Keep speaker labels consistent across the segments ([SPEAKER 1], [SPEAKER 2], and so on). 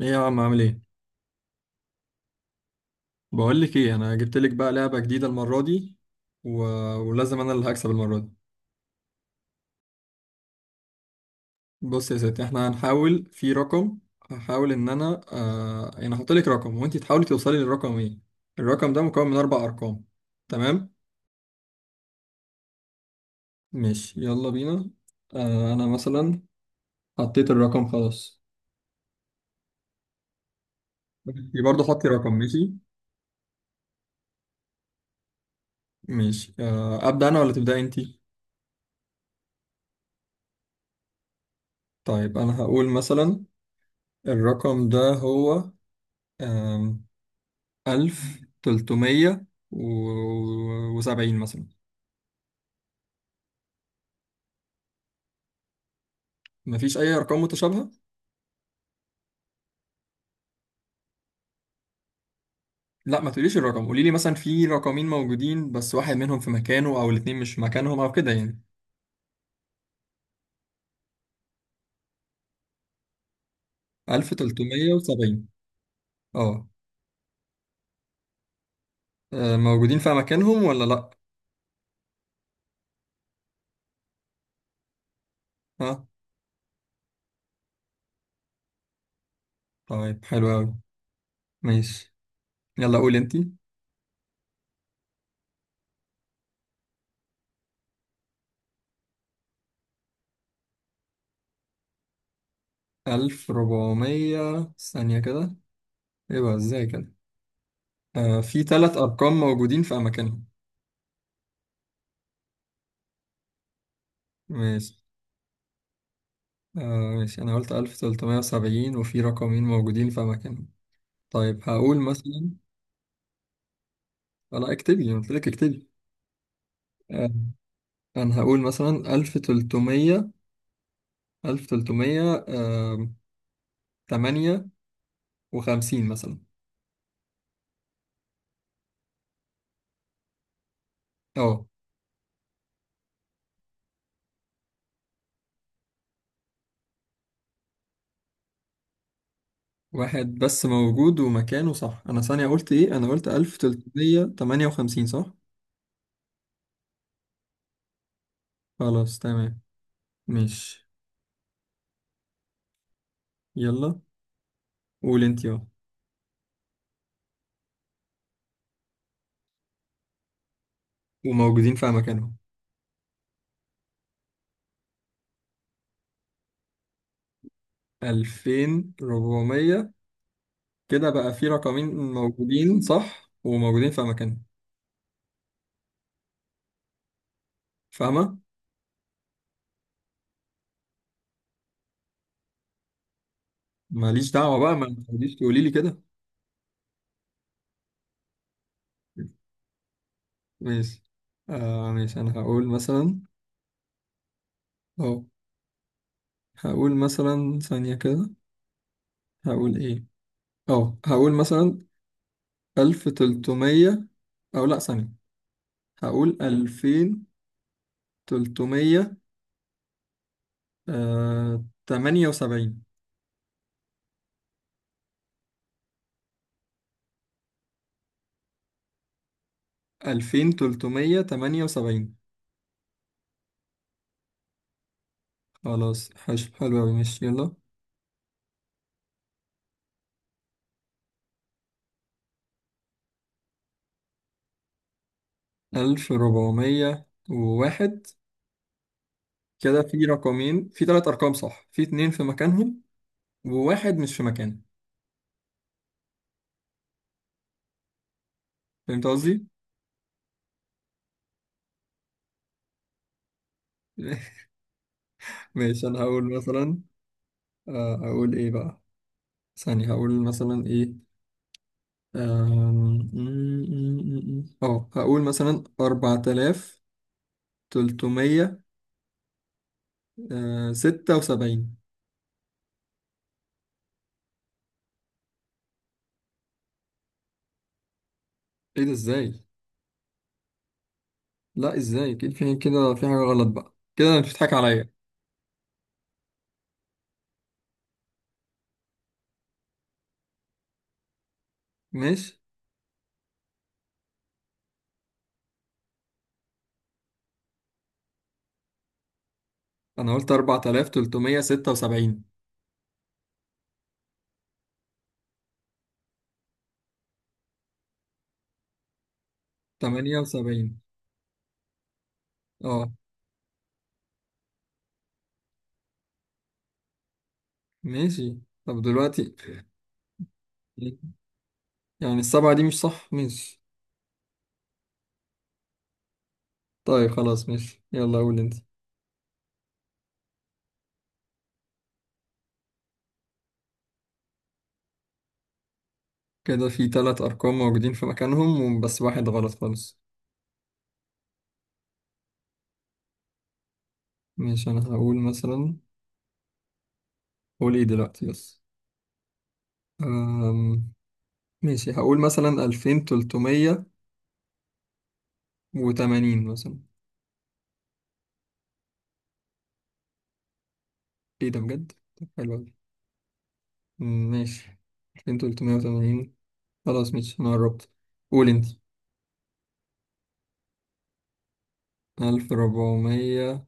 [SPEAKER 1] ايه يا عم، عامل ايه؟ بقول لك ايه، انا جبت لك بقى لعبه جديده المره دي و... ولازم انا اللي هكسب المره دي. بص يا ستي، احنا هنحاول في رقم. هحاول ان انا يعني هحط لك رقم وانت تحاولي توصلي للرقم ايه. الرقم ده مكون من اربع ارقام، تمام؟ ماشي يلا بينا. انا مثلا حطيت الرقم خلاص. انت برضه حطي رقم، ماشي. ماشي، ابدا انا ولا تبداي انت؟ طيب انا هقول مثلا الرقم ده هو ألف تلتمية وسبعين مثلا. مفيش أي أرقام متشابهة؟ لا، ما تقوليش الرقم، قولي لي مثلا في رقمين موجودين بس واحد منهم في مكانه أو الاتنين مش في مكانهم أو كده يعني. ألف تلتمية وسبعين. أه. آه، موجودين في مكانهم ولا لأ؟ ها. طيب حلو أوي، ماشي، يلا قولي أنتي. ألف ربعمية ثانية كده، إيه بقى إزاي كده؟ آه في تلات أرقام موجودين في أماكنهم. ماشي. آه ماشي، أنا قلت 1370 وفي رقمين موجودين في مكانهم. طيب هقول مثلا. أنا اكتبي، أنا قلت لك اكتبي. آه، أنا هقول مثلا 1300، 1300 تمانية وخمسين مثلا. أه واحد بس موجود ومكانه صح، أنا ثانية قلت إيه؟ أنا قلت 1358 صح. خلاص تمام، ماشي يلا. قول أنت، أه. وموجودين في مكانهم. 2400، كده بقى في رقمين موجودين صح وموجودين في اماكنهم، فاهمه؟ ماليش دعوه بقى، ما تقوليش، تقولي لي كده. ماشي، آه ماشي، انا هقول مثلا. اه هقول مثلا ثانيه كده، هقول ايه؟ اه هقول مثلا 1300، او لا، ثانيه، هقول 2378. 2378، خلاص، حلو أوي، ماشي يلا. 1401، كده في رقمين، في ثلاث ارقام صح، في اتنين في مكانهم وواحد مش في مكانه، فهمت قصدي؟ ماشي انا هقول مثلا. آه، هقول ايه بقى؟ ثانية هقول مثلا ايه. آم، م- م- م- م. اه هقول مثلا 4376. ايه ده، ازاي؟ لا ازاي كده، في كده، في حاجة غلط بقى كده، انت بتضحك عليا. ماشي، انا قلت 4376 78. اه ماشي، طب دلوقتي؟ يعني السبعة دي مش صح، ماشي. طيب خلاص، ماشي، يلا قول انت. كده في تلات أرقام موجودين في مكانهم بس واحد غلط خالص. ماشي، أنا هقول مثلا. قول ايه دلوقتي بس. أم... ماشي هقول مثلا ألفين تلتمية وتمانين مثلا. ايه ده بجد؟ طب حلو أوي. أم، ماشي، ألفين تلتمية وتمانين. خلاص ماشي أنا قربت. قول انت. ألف ربعمية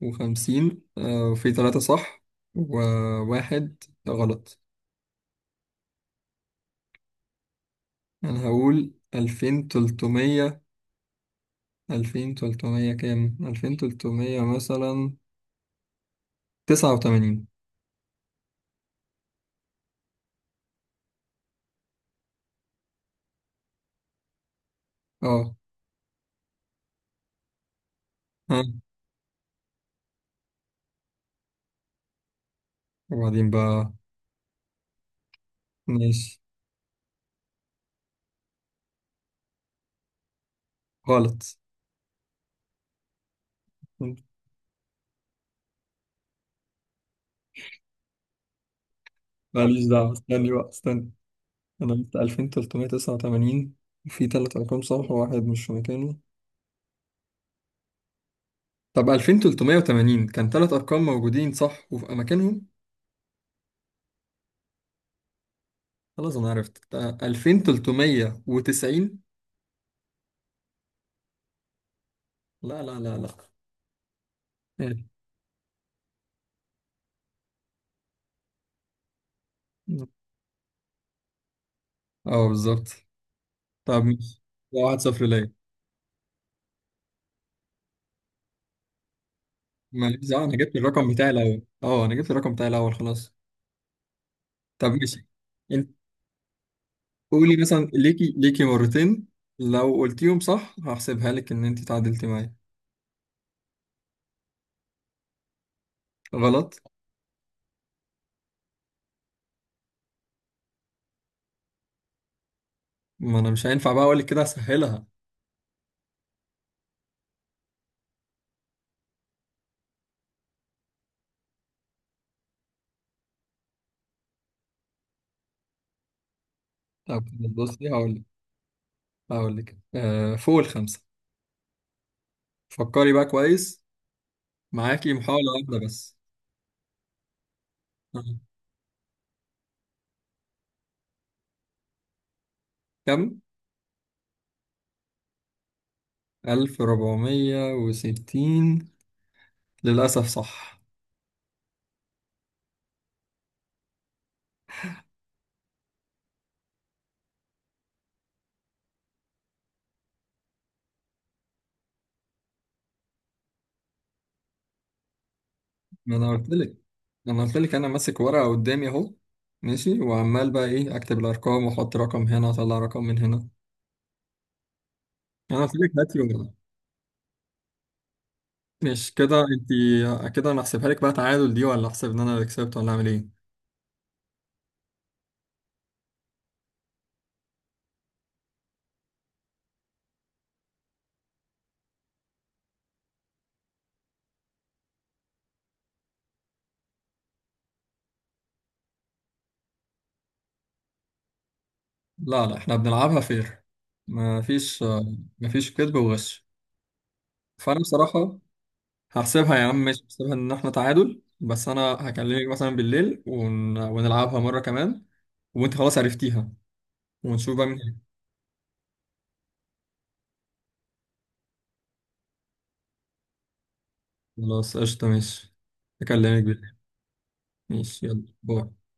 [SPEAKER 1] وخمسين، آه، وفي تلاتة صح وواحد غلط. انا هقول 2300. 2300 كام؟ 2300 مثلا 89. اه. ها، وبعدين بقى؟ ماشي. غلط. ماليش دعوة، استني بقى، استني. انا قلت 2389 وفي تلات ارقام صح وواحد مش في مكانه. طب 2380 كان تلات ارقام موجودين صح وفي اماكنهم. خلاص انا عرفت، ده 2390. لا لا لا لا. إيه؟ اه بالظبط. طب ماشي، واحد صفر ليا. ماليش، اه انا جبت الرقم بتاعي الاول، اه انا جبت الرقم بتاعي الاول، خلاص. طب ماشي، انت قولي مثلا، ليكي ليكي مرتين، لو قلتيهم صح هحسبها لك ان انت تعادلتي معايا. غلط. ما انا مش هينفع بقى اقول لك كده، اسهلها. طب، بصي هقول لك، هقول لك آه فوق الخمسه. فكري بقى كويس، معاكي محاوله واحده بس. آه. كم؟ 1460. للاسف صح. ما انا قلت لك، ما انا قلت لك انا ماسك ورقه قدامي اهو. ماشي، وعمال بقى ايه، اكتب الارقام واحط رقم هنا، اطلع رقم من هنا. انا قلت لك هاتي ورقه. مش كده انت؟ كده انا احسبها لك بقى تعادل دي، ولا احسب ان انا اللي كسبت، ولا اعمل ايه؟ لا لا، احنا بنلعبها فير، ما فيش، ما فيش كذب وغش. فانا بصراحه هحسبها يا عم، مش هحسبها ان احنا تعادل، بس انا هكلمك مثلا بالليل ونلعبها مره كمان وانت خلاص عرفتيها، ونشوف بقى مين. خلاص قشطة، ماشي، أكلمك بالليل، ماشي يلا باي.